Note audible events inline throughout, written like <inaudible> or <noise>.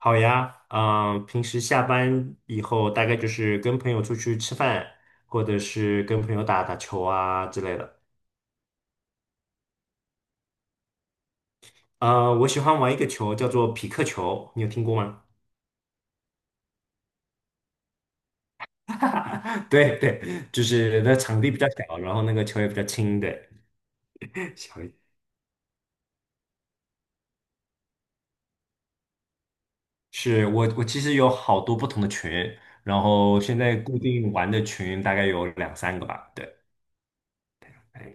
好呀，平时下班以后大概就是跟朋友出去吃饭，或者是跟朋友打打球啊之类的。我喜欢玩一个球叫做匹克球，你有听过吗？<laughs> 对对，就是那场地比较小，然后那个球也比较轻，对，小一点。是我其实有好多不同的群，然后现在固定玩的群大概有两三个吧，对，哎。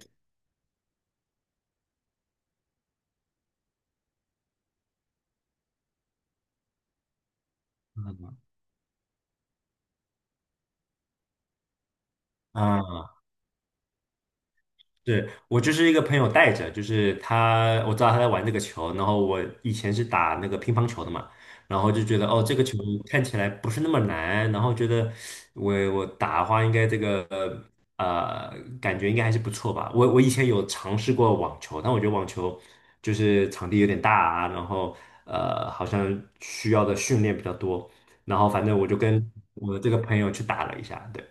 嗯，对我就是一个朋友带着，就是他，我知道他在玩这个球，然后我以前是打那个乒乓球的嘛，然后就觉得哦，这个球看起来不是那么难，然后觉得我打的话应该这个呃感觉应该还是不错吧。我以前有尝试过网球，但我觉得网球就是场地有点大啊，然后好像需要的训练比较多，然后反正我就跟我的这个朋友去打了一下，对。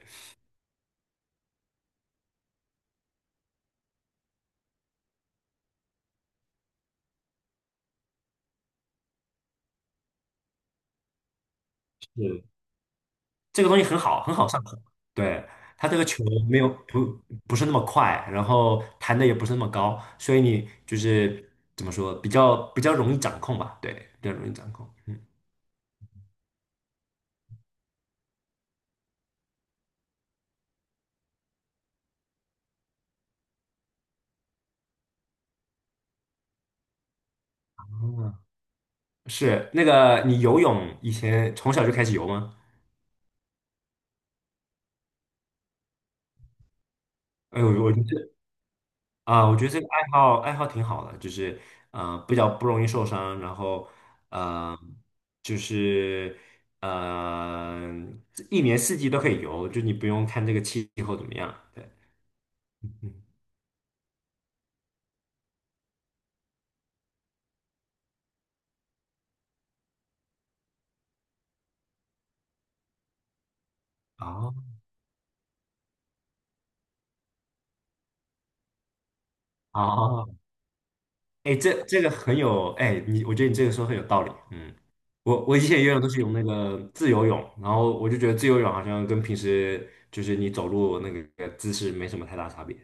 是。这个东西很好，很好上手。对，它这个球没有不是那么快，然后弹的也不是那么高，所以你就是怎么说，比较容易掌控吧？对，比较容易掌控。嗯，哦，是那个你游泳以前从小就开始游吗？哎呦，我觉得这个爱好挺好的，就是比较不容易受伤，然后嗯，就是嗯，一年四季都可以游，就你不用看这个气候怎么样。对。嗯，哦哦，哎，这个很有，哎，我觉得你这个说很有道理。嗯，我以前游泳都是用那个自由泳，然后我就觉得自由泳好像跟平时就是你走路那个姿势没什么太大差别。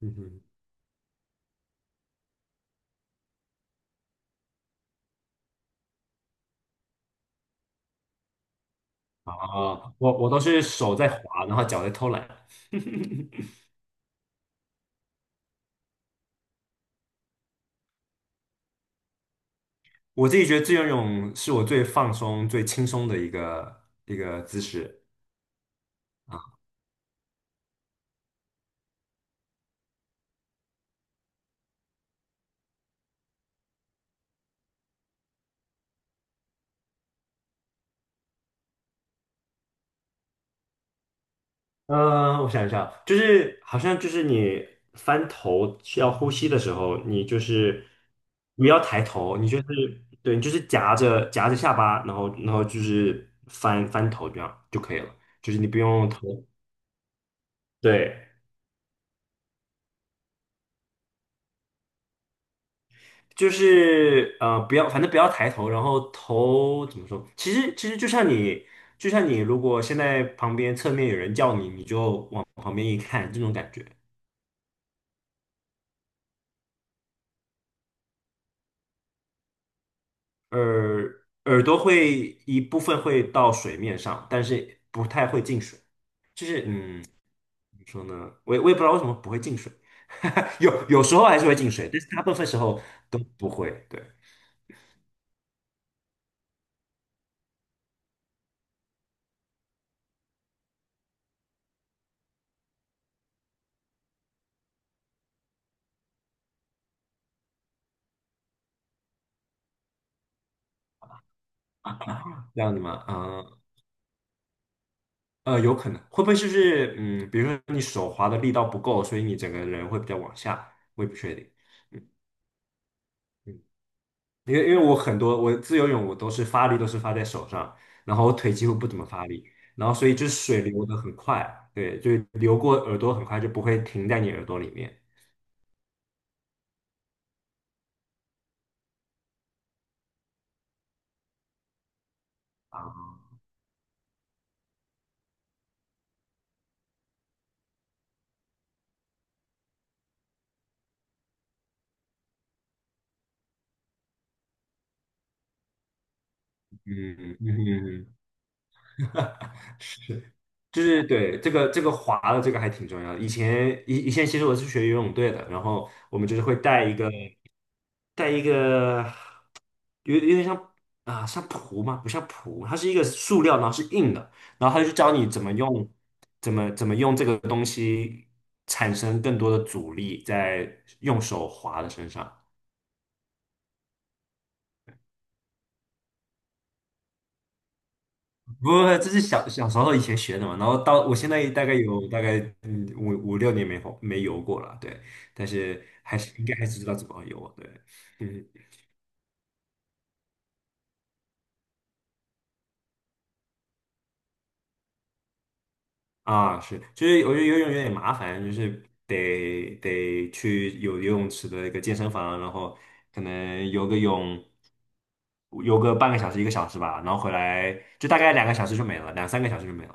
嗯哼，啊，我都是手在滑，然后脚在偷懒。<laughs> 我自己觉得自由泳是我最放松、最轻松的一个姿势。啊。嗯，我想一下，就是好像就是你翻头需要呼吸的时候，你就是不要抬头，你就是对，你就是夹着夹着下巴，然后就是翻翻头这样就可以了，就是你不用头，对，就是不要，反正不要抬头，然后头怎么说？其实就像你如果现在旁边侧面有人叫你，你就往旁边一看，这种感觉。耳朵会一部分会到水面上，但是不太会进水。就是怎么说呢？我也不知道为什么不会进水，<laughs> 有时候还是会进水，但是大部分时候都不会。对，这样子吗？有可能会不会就是比如说你手滑的力道不够，所以你整个人会比较往下，我也不确定。嗯嗯，因为我很多我自由泳我都是发力都是发在手上，然后我腿几乎不怎么发力，然后所以就是水流的很快，对，就流过耳朵很快就不会停在你耳朵里面啊，嗯嗯嗯，嗯，是，就是对这个滑的这个还挺重要的。以前其实我是学游泳队的，然后我们就是会带一个有点像啊、像蹼嘛，不像蹼，它是一个塑料，然后是硬的，然后他就教你怎么用，怎么用这个东西产生更多的阻力，在用手划的身上。不过这是小时候以前学的嘛，然后到我现在大概五六年没游过了，对，但是还是应该还是知道怎么游，对，嗯，啊，是，就是我觉得游泳有点麻烦，就是得去有游泳池的一个健身房，然后可能游个半个小时一个小时吧，然后回来就大概两个小时就没了，两三个小时就没了。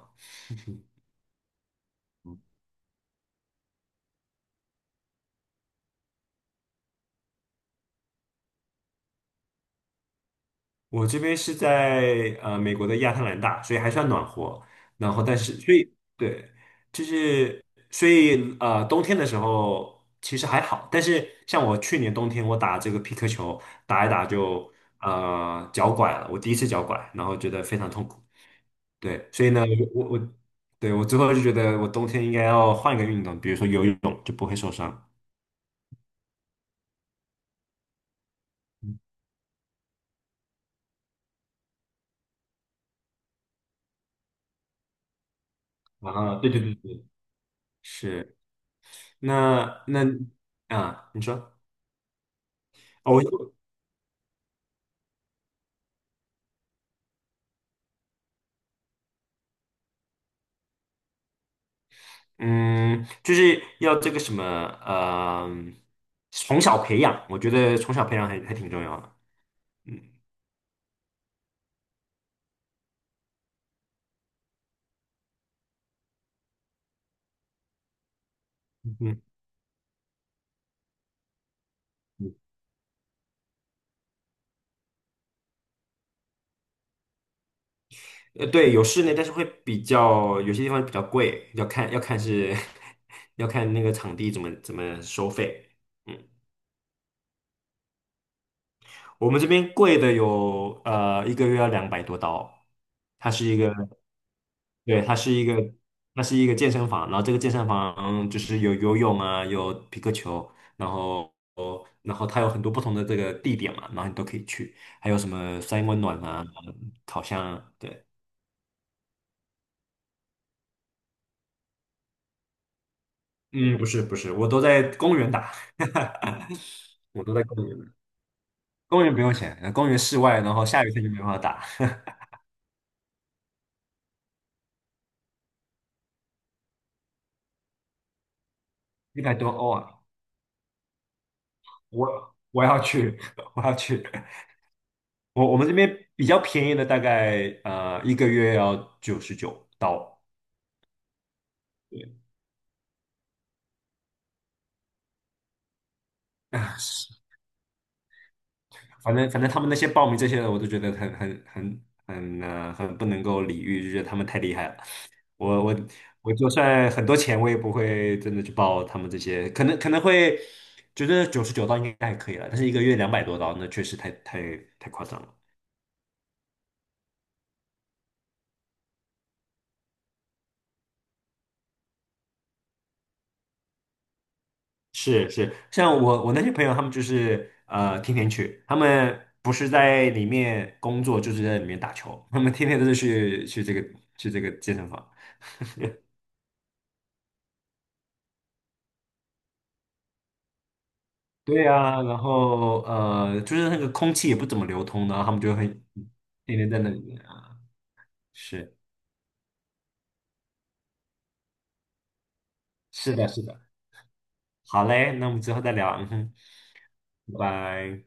我这边是在美国的亚特兰大，所以还算暖和。然后，但是所以对，就是所以冬天的时候其实还好，但是像我去年冬天我打这个皮克球，打一打就脚拐了，我第一次脚拐，然后觉得非常痛苦。对，所以呢，我对，我最后就觉得我冬天应该要换一个运动，比如说游泳就不会受伤。嗯啊，对对对对，是。那，啊，你说哦，我。嗯，就是要这个什么，从小培养，我觉得从小培养还挺重要的。嗯嗯嗯，嗯,对，有室内，但是会比较有些地方比较贵，要看是 <laughs> 要看那个场地怎么收费。嗯。我们这边贵的有一个月要两百多刀，它是一个对，它是一个那是一个健身房，然后这个健身房就是有游泳啊，有皮克球，然后然后它有很多不同的这个地点嘛，然后你都可以去，还有什么三温暖啊、烤箱啊，对，嗯，不是不是，我都在公园打，<laughs> 我都在公园，公园不用钱，公园室外，然后下雨天就没办法打，<laughs> 一百多欧啊，我要去，<laughs> 我要去。我们这边比较便宜的，大概一个月要九十九刀。对啊，是，反正他们那些报名这些的，我都觉得很不能够理喻，就觉得他们太厉害了。我我我就算很多钱，我也不会真的去报他们这些，可能会觉得九十九刀应该还可以了，但是一个月两百多刀，那确实太夸张了。是是，像我那些朋友，他们就是天天去，他们不是在里面工作，就是在里面打球，他们天天都是去这个健身房。对啊，然后就是那个空气也不怎么流通的，然后他们就很天天在那里面啊。是，是的，是的。好嘞，那我们之后再聊，嗯哼，拜拜。